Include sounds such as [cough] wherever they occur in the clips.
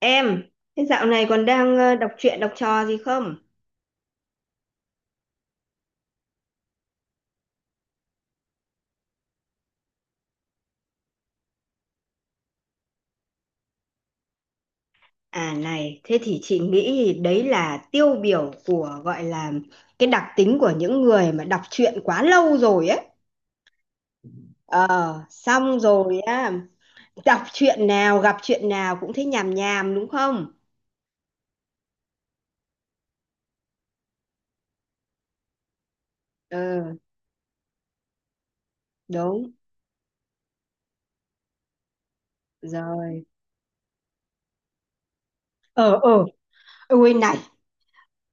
Em, thế dạo này còn đang đọc truyện đọc trò gì không? À này, thế thì chị nghĩ đấy là tiêu biểu của gọi là cái đặc tính của những người mà đọc truyện quá lâu rồi ấy. Ờ, xong rồi á, đọc truyện nào gặp chuyện nào cũng thấy nhàm nhàm đúng không? Ừ, đúng, rồi. Ờ, ờ, ôi này,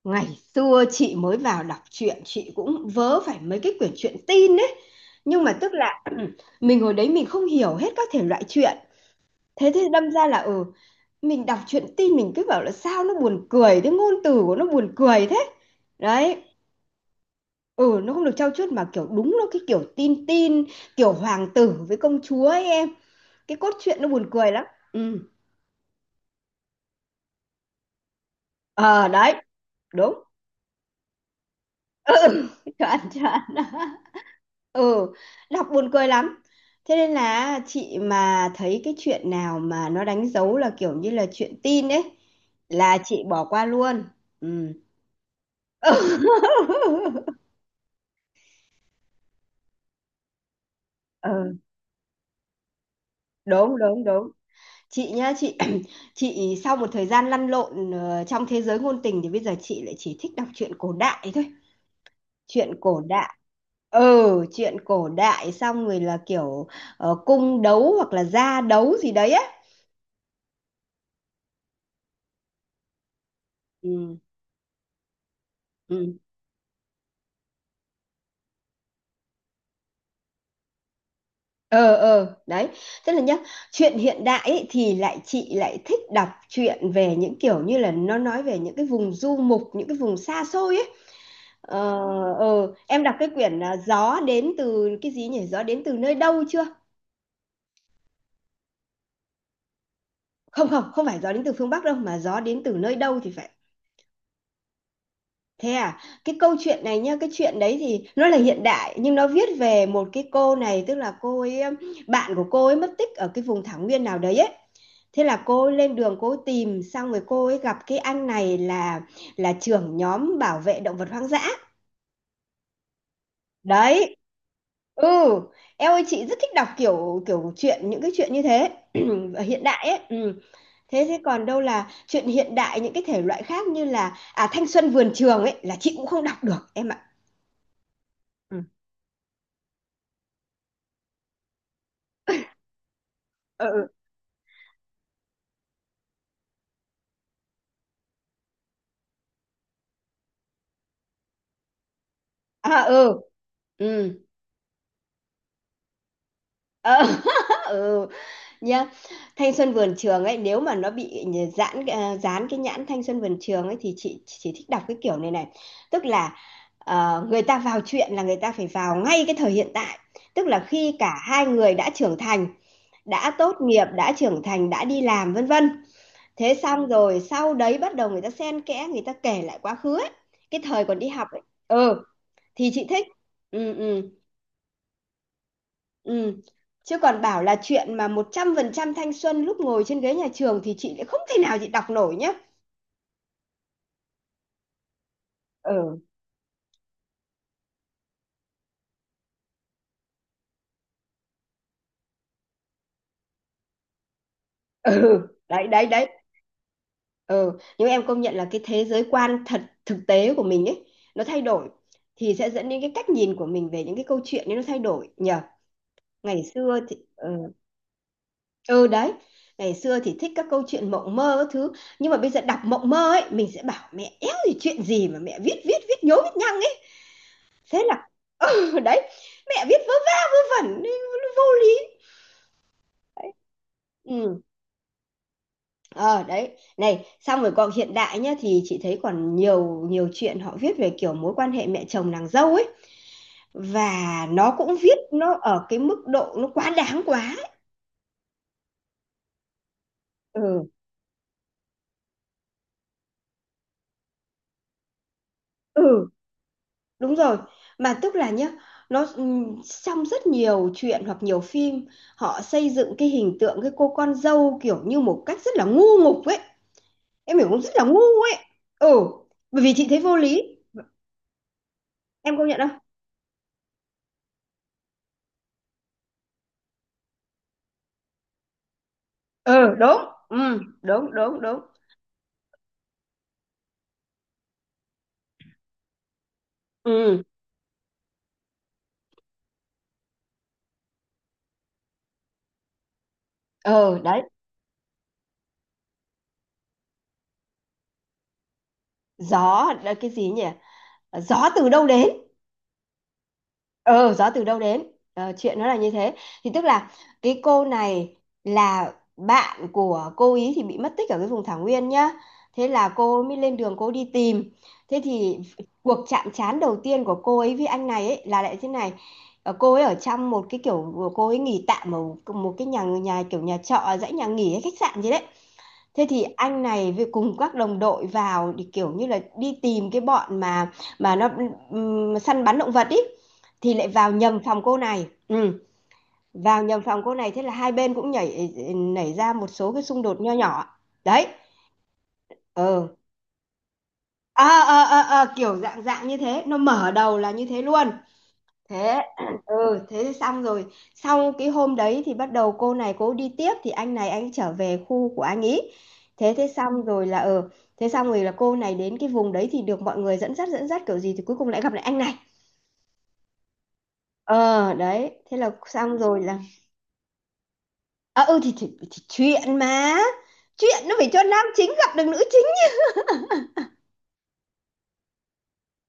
ngày xưa chị mới vào đọc truyện, chị cũng vớ phải mấy cái quyển truyện tin ấy. Nhưng mà tức là [clears throat] mình hồi đấy mình không hiểu hết các thể loại truyện. Thế thì đâm ra là, mình đọc truyện tin mình cứ bảo là sao nó buồn cười, cái ngôn từ của nó buồn cười thế. Đấy, ừ, nó không được trau chuốt mà kiểu đúng nó cái kiểu tin tin, kiểu hoàng tử với công chúa ấy em. Cái cốt truyện nó buồn cười lắm. Ừ, ờ, đấy, đúng. Ừ, [laughs] chuẩn, chuẩn. Ừ, đọc buồn cười lắm. Thế nên là chị mà thấy cái chuyện nào mà nó đánh dấu là kiểu như là chuyện tin ấy là chị bỏ qua luôn. Ừ. [laughs] Ờ, đúng, đúng, đúng. Chị nhá, chị [clears throat] chị sau một thời gian lăn lộn trong thế giới ngôn tình thì bây giờ chị lại chỉ thích đọc truyện cổ đại thôi. Truyện cổ đại. Ừ, truyện cổ đại xong rồi là kiểu cung đấu hoặc là gia đấu gì đấy á. Ừ, ừ. Ờ, ờ, đấy. Tức là nhá, chuyện hiện đại ấy, thì lại chị lại thích đọc truyện về những kiểu như là nó nói về những cái vùng du mục, những cái vùng xa xôi ấy. Ờ, ờ, em đọc cái quyển Gió đến từ cái gì nhỉ? Gió đến từ nơi đâu chưa? Không không, không phải gió đến từ phương Bắc đâu mà gió đến từ nơi đâu thì phải. Thế à? Cái câu chuyện này nhá, cái chuyện đấy thì nó là hiện đại nhưng nó viết về một cái cô này, tức là cô ấy bạn của cô ấy mất tích ở cái vùng thảo nguyên nào đấy ấy. Thế là cô ấy lên đường cô ấy tìm, xong rồi cô ấy gặp cái anh này là trưởng nhóm bảo vệ động vật hoang dã. Đấy, ừ, em ơi chị rất thích đọc kiểu kiểu chuyện, những cái chuyện như thế [clears throat] ở hiện đại ấy. Ừ. Thế thế còn đâu là chuyện hiện đại những cái thể loại khác như là Thanh Xuân Vườn Trường ấy là chị cũng không đọc được em ạ. Ừ. Ừ. Ừ. À, ừ. Ừ. Ờ, [laughs] ừ nhá. Thanh Xuân Vườn Trường ấy nếu mà nó bị dán cái nhãn Thanh Xuân Vườn Trường ấy thì chị chỉ thích đọc cái kiểu này này. Tức là người ta vào chuyện là người ta phải vào ngay cái thời hiện tại. Tức là khi cả hai người đã tốt nghiệp, đã trưởng thành, đã đi làm, vân vân. Thế xong rồi sau đấy bắt đầu người ta xen kẽ, người ta kể lại quá khứ ấy. Cái thời còn đi học ấy. Ừ, thì chị thích. Ừ, ừ, ừ. Chứ còn bảo là chuyện mà 100% thanh xuân lúc ngồi trên ghế nhà trường thì chị lại không thể nào chị đọc nổi nhá. Ừ, ừ, đấy, đấy, đấy. Ừ, nhưng em công nhận là cái thế giới quan thật thực tế của mình ấy, nó thay đổi. Thì sẽ dẫn đến cái cách nhìn của mình về những cái câu chuyện ấy nó thay đổi nhờ. Ngày xưa thì, ừ. Ừ, đấy. Ngày xưa thì thích các câu chuyện mộng mơ các thứ. Nhưng mà bây giờ đọc mộng mơ ấy, mình sẽ bảo mẹ éo gì chuyện gì mà mẹ viết viết viết nhố viết nhăng ấy. Thế là [laughs] ừ, đấy. Mẹ viết vớ va vớ vẩn. Vô lý đấy. Ừ. Ờ, đấy. Này xong rồi còn hiện đại nhá. Thì chị thấy còn nhiều nhiều chuyện họ viết về kiểu mối quan hệ mẹ chồng nàng dâu ấy. Và nó cũng viết nó ở cái mức độ nó quá đáng quá ấy. Ừ. Ừ. Đúng rồi, mà tức là nhá, nó trong rất nhiều chuyện hoặc nhiều phim họ xây dựng cái hình tượng cái cô con dâu kiểu như một cách rất là ngu ngục ấy. Em hiểu không? Rất là ngu ấy. Ừ, bởi vì chị thấy vô lý. Em công nhận không? Ừ, đúng. Ừ, đúng, đúng, đúng. Ừ, ờ đấy, gió là cái gì nhỉ? Gió từ đâu đến? Ờ Gió từ đâu đến. Ờ, chuyện nó là như thế, thì tức là cái cô này là bạn của cô ý thì bị mất tích ở cái vùng thảo nguyên nhá, thế là cô mới lên đường cô đi tìm. Thế thì cuộc chạm trán đầu tiên của cô ấy với anh này ấy là lại thế này. Ờ, cô ấy ở trong một cái kiểu cô ấy nghỉ tạm ở một cái nhà nhà kiểu nhà trọ dãy nhà nghỉ hay khách sạn gì đấy. Thế thì anh này với cùng các đồng đội vào thì kiểu như là đi tìm cái bọn mà nó săn bắn động vật ý, thì lại vào nhầm phòng cô này. Ừ, vào nhầm phòng cô này thế là hai bên cũng nảy ra một số cái xung đột nho nhỏ. Đấy. Ừ. Ờ ờ ờ ờ, kiểu dạng dạng như thế, nó mở đầu là như thế luôn. Thế [clears throat] ừ thế thì xong rồi, sau cái hôm đấy thì bắt đầu cô này cô đi tiếp, thì anh này anh trở về khu của anh ý. Thế thế xong rồi là thế xong rồi là cô này đến cái vùng đấy thì được mọi người dẫn dắt kiểu gì thì cuối cùng lại gặp lại anh này. Ờ đấy, thế là xong rồi là à, ừ thì, chuyện nó phải cho nam chính gặp được nữ chính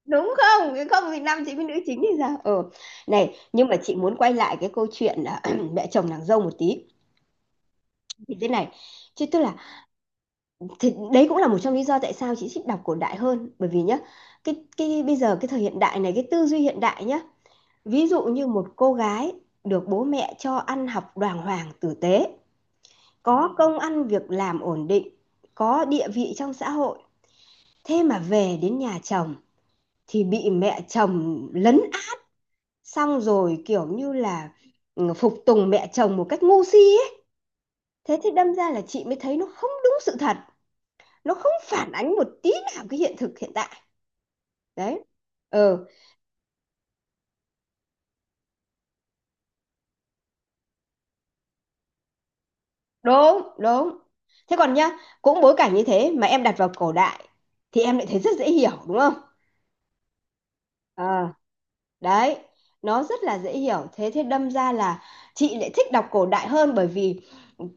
đúng không? Nếu không thì nam chính với nữ chính thì sao này nhưng mà chị muốn quay lại cái câu chuyện là [clears throat] mẹ chồng nàng dâu một tí, thì thế này, chứ tức là thì đấy cũng là một trong lý do tại sao chị thích đọc cổ đại hơn, bởi vì nhá, cái bây giờ cái thời hiện đại này cái tư duy hiện đại nhá, ví dụ như một cô gái được bố mẹ cho ăn học đàng hoàng tử tế, có công ăn việc làm ổn định, có địa vị trong xã hội, thế mà về đến nhà chồng thì bị mẹ chồng lấn át, xong rồi kiểu như là phục tùng mẹ chồng một cách ngu si ấy. Thế thì đâm ra là chị mới thấy nó không đúng sự thật, nó không phản ánh một tí nào cái hiện thực hiện tại. Đấy. Ừ, đúng, đúng. Thế còn nhá, cũng bối cảnh như thế mà em đặt vào cổ đại thì em lại thấy rất dễ hiểu đúng không? Ờ. Đấy, nó rất là dễ hiểu, thế thế đâm ra là chị lại thích đọc cổ đại hơn, bởi vì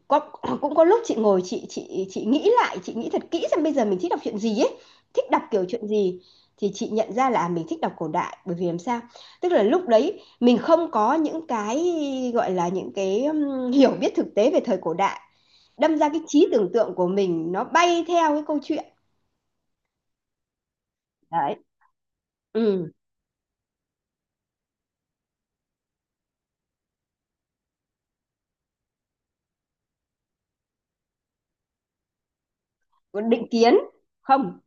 có, cũng có lúc chị ngồi chị nghĩ lại, chị nghĩ thật kỹ xem bây giờ mình thích đọc chuyện gì ấy, thích đọc kiểu chuyện gì. Thì chị nhận ra là à, mình thích đọc cổ đại bởi vì làm sao, tức là lúc đấy mình không có những cái gọi là những cái hiểu biết thực tế về thời cổ đại, đâm ra cái trí tưởng tượng của mình nó bay theo cái câu chuyện. Đấy. Ừ. Còn định kiến không?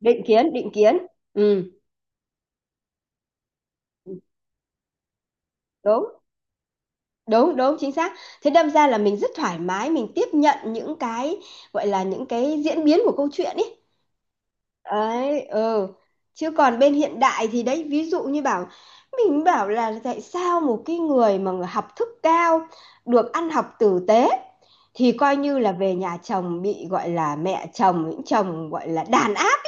Định kiến, định kiến. Ừ, đúng, đúng, đúng, chính xác. Thế đâm ra là mình rất thoải mái mình tiếp nhận những cái gọi là những cái diễn biến của câu chuyện ấy ấy. Ừ, chứ còn bên hiện đại thì đấy, ví dụ như bảo, mình bảo là tại sao một cái người mà người học thức cao, được ăn học tử tế, thì coi như là về nhà chồng bị gọi là mẹ chồng những chồng gọi là đàn áp,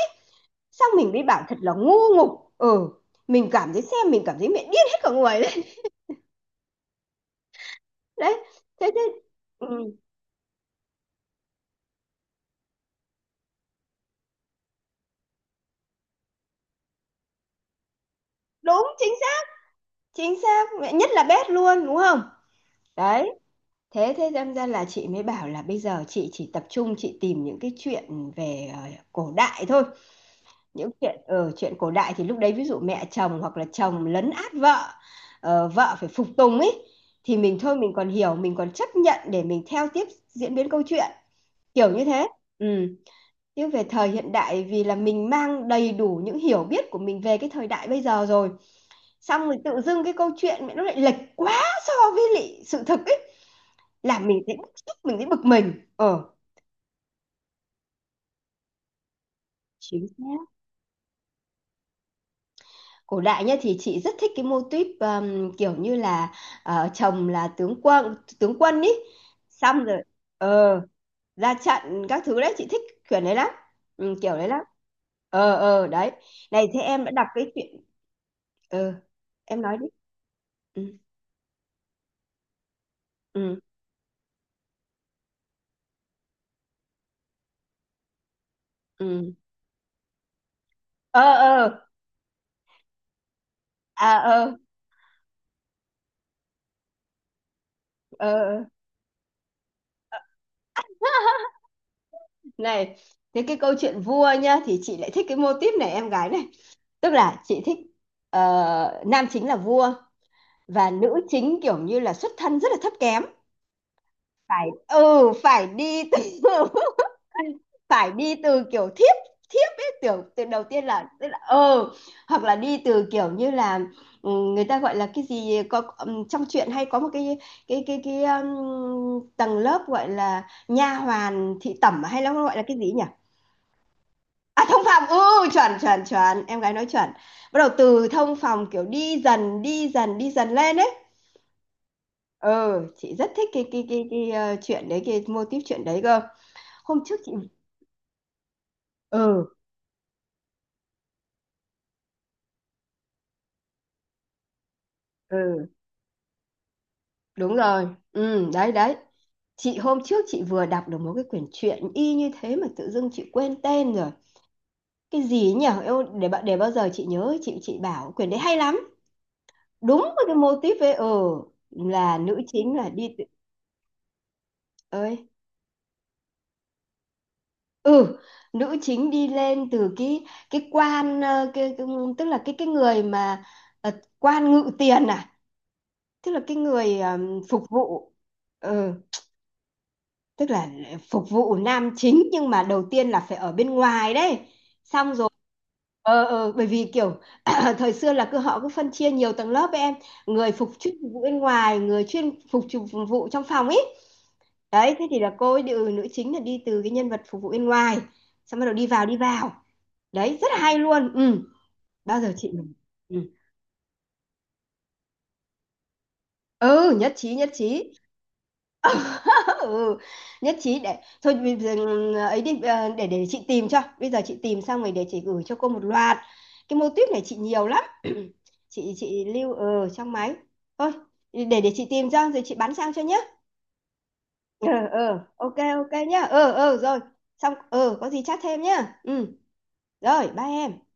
xong mình mới bảo thật là ngu ngục. Ừ, mình cảm thấy xem mình cảm thấy mẹ điên hết cả người. Đấy. Thế thế ừ, đúng chính xác, chính xác mẹ nhất là bếp luôn đúng không? Đấy. Thế thế đâm ra là chị mới bảo là bây giờ chị chỉ tập trung chị tìm những cái chuyện về cổ đại thôi. Những chuyện ở Chuyện cổ đại thì lúc đấy ví dụ mẹ chồng hoặc là chồng lấn át vợ, vợ phải phục tùng ấy, thì mình thôi mình còn hiểu, mình còn chấp nhận để mình theo tiếp diễn biến câu chuyện, kiểu như thế. Ừ. Nhưng về thời hiện đại, vì là mình mang đầy đủ những hiểu biết của mình về cái thời đại bây giờ rồi, xong rồi tự dưng cái câu chuyện mẹ nó lại lệch quá so với lại sự thực ấy, là mình thấy bức xúc, mình thấy bực mình. Ờ Chính xác. Cổ đại nhá, thì chị rất thích cái mô típ kiểu như là chồng là tướng quân, tướng quân ý. Xong rồi ờ ra trận các thứ, đấy chị thích kiểu đấy lắm. Ừ, kiểu đấy lắm. Ờ ờ, đấy. Này, thế em đã đọc cái chuyện ờ em nói đi. Ừ. Ừ. Ừ. Ờ ờ. À ờ. Ờ ờ. Này, thế cái câu chuyện vua nhá, thì chị lại thích cái mô típ này em gái này. Tức là chị thích, nam chính là vua, và nữ chính kiểu như là xuất thân rất là thấp kém. Phải, ừ, phải đi từ [laughs] phải đi từ kiểu thiếp, thiếp ấy, kiểu từ đầu tiên là tức là ừ, hoặc là đi từ kiểu như là ừ, người ta gọi là cái gì có trong truyện hay có một cái cái tầng lớp gọi là nha hoàn thị tẩm, hay là nó gọi là cái gì nhỉ. À, thông phòng, ừ, chuẩn chuẩn chuẩn, em gái nói chuẩn. Bắt đầu từ thông phòng, kiểu đi dần đi dần đi dần lên ấy. Ừ, chị rất thích cái cái chuyện đấy, cái mô típ chuyện đấy cơ. Hôm trước chị, ừ, ừ, đúng rồi, ừ, đấy đấy. Chị hôm trước chị vừa đọc được một cái quyển truyện y như thế mà tự dưng chị quên tên rồi. Cái gì ấy nhỉ? Eo, để bạn, để bao giờ chị nhớ, chị bảo quyển đấy hay lắm, đúng với cái mô típ ấy. Ừ, là nữ chính là Ơi, ừ, nữ chính đi lên từ cái quan tức là cái người mà ờ, quan ngự tiền, à, tức là cái người phục vụ. Ừ, tức là phục vụ nam chính, nhưng mà đầu tiên là phải ở bên ngoài đấy. Xong rồi ờ ờ, bởi vì kiểu [clears throat] thời xưa là cứ họ cứ phân chia nhiều tầng lớp ấy em. Người phục chuyên phục vụ bên ngoài, người chuyên phục phục vụ trong phòng ấy. Đấy, thế thì là cô ấy ừ, nữ chính là đi từ cái nhân vật phục vụ bên ngoài, xong bắt đầu đi vào, đi vào. Đấy rất là hay luôn. Ừ, bao giờ chị mình, ừ, ừ, nhất trí nhất trí. [laughs] Ừ, nhất trí. Để thôi, bây giờ ừ, ấy đi, để chị tìm cho, bây giờ chị tìm xong rồi để chị gửi cho cô một loạt. Cái mô típ này chị nhiều lắm. [clears throat] Chị lưu ở trong máy. Thôi, để chị tìm cho rồi chị bán sang cho nhé. Ờ ờ, ok ok nhá, ờ ừ, ờ ừ, rồi. Xong ờ, có gì chat thêm nhá. Ừ. Rồi, ba em.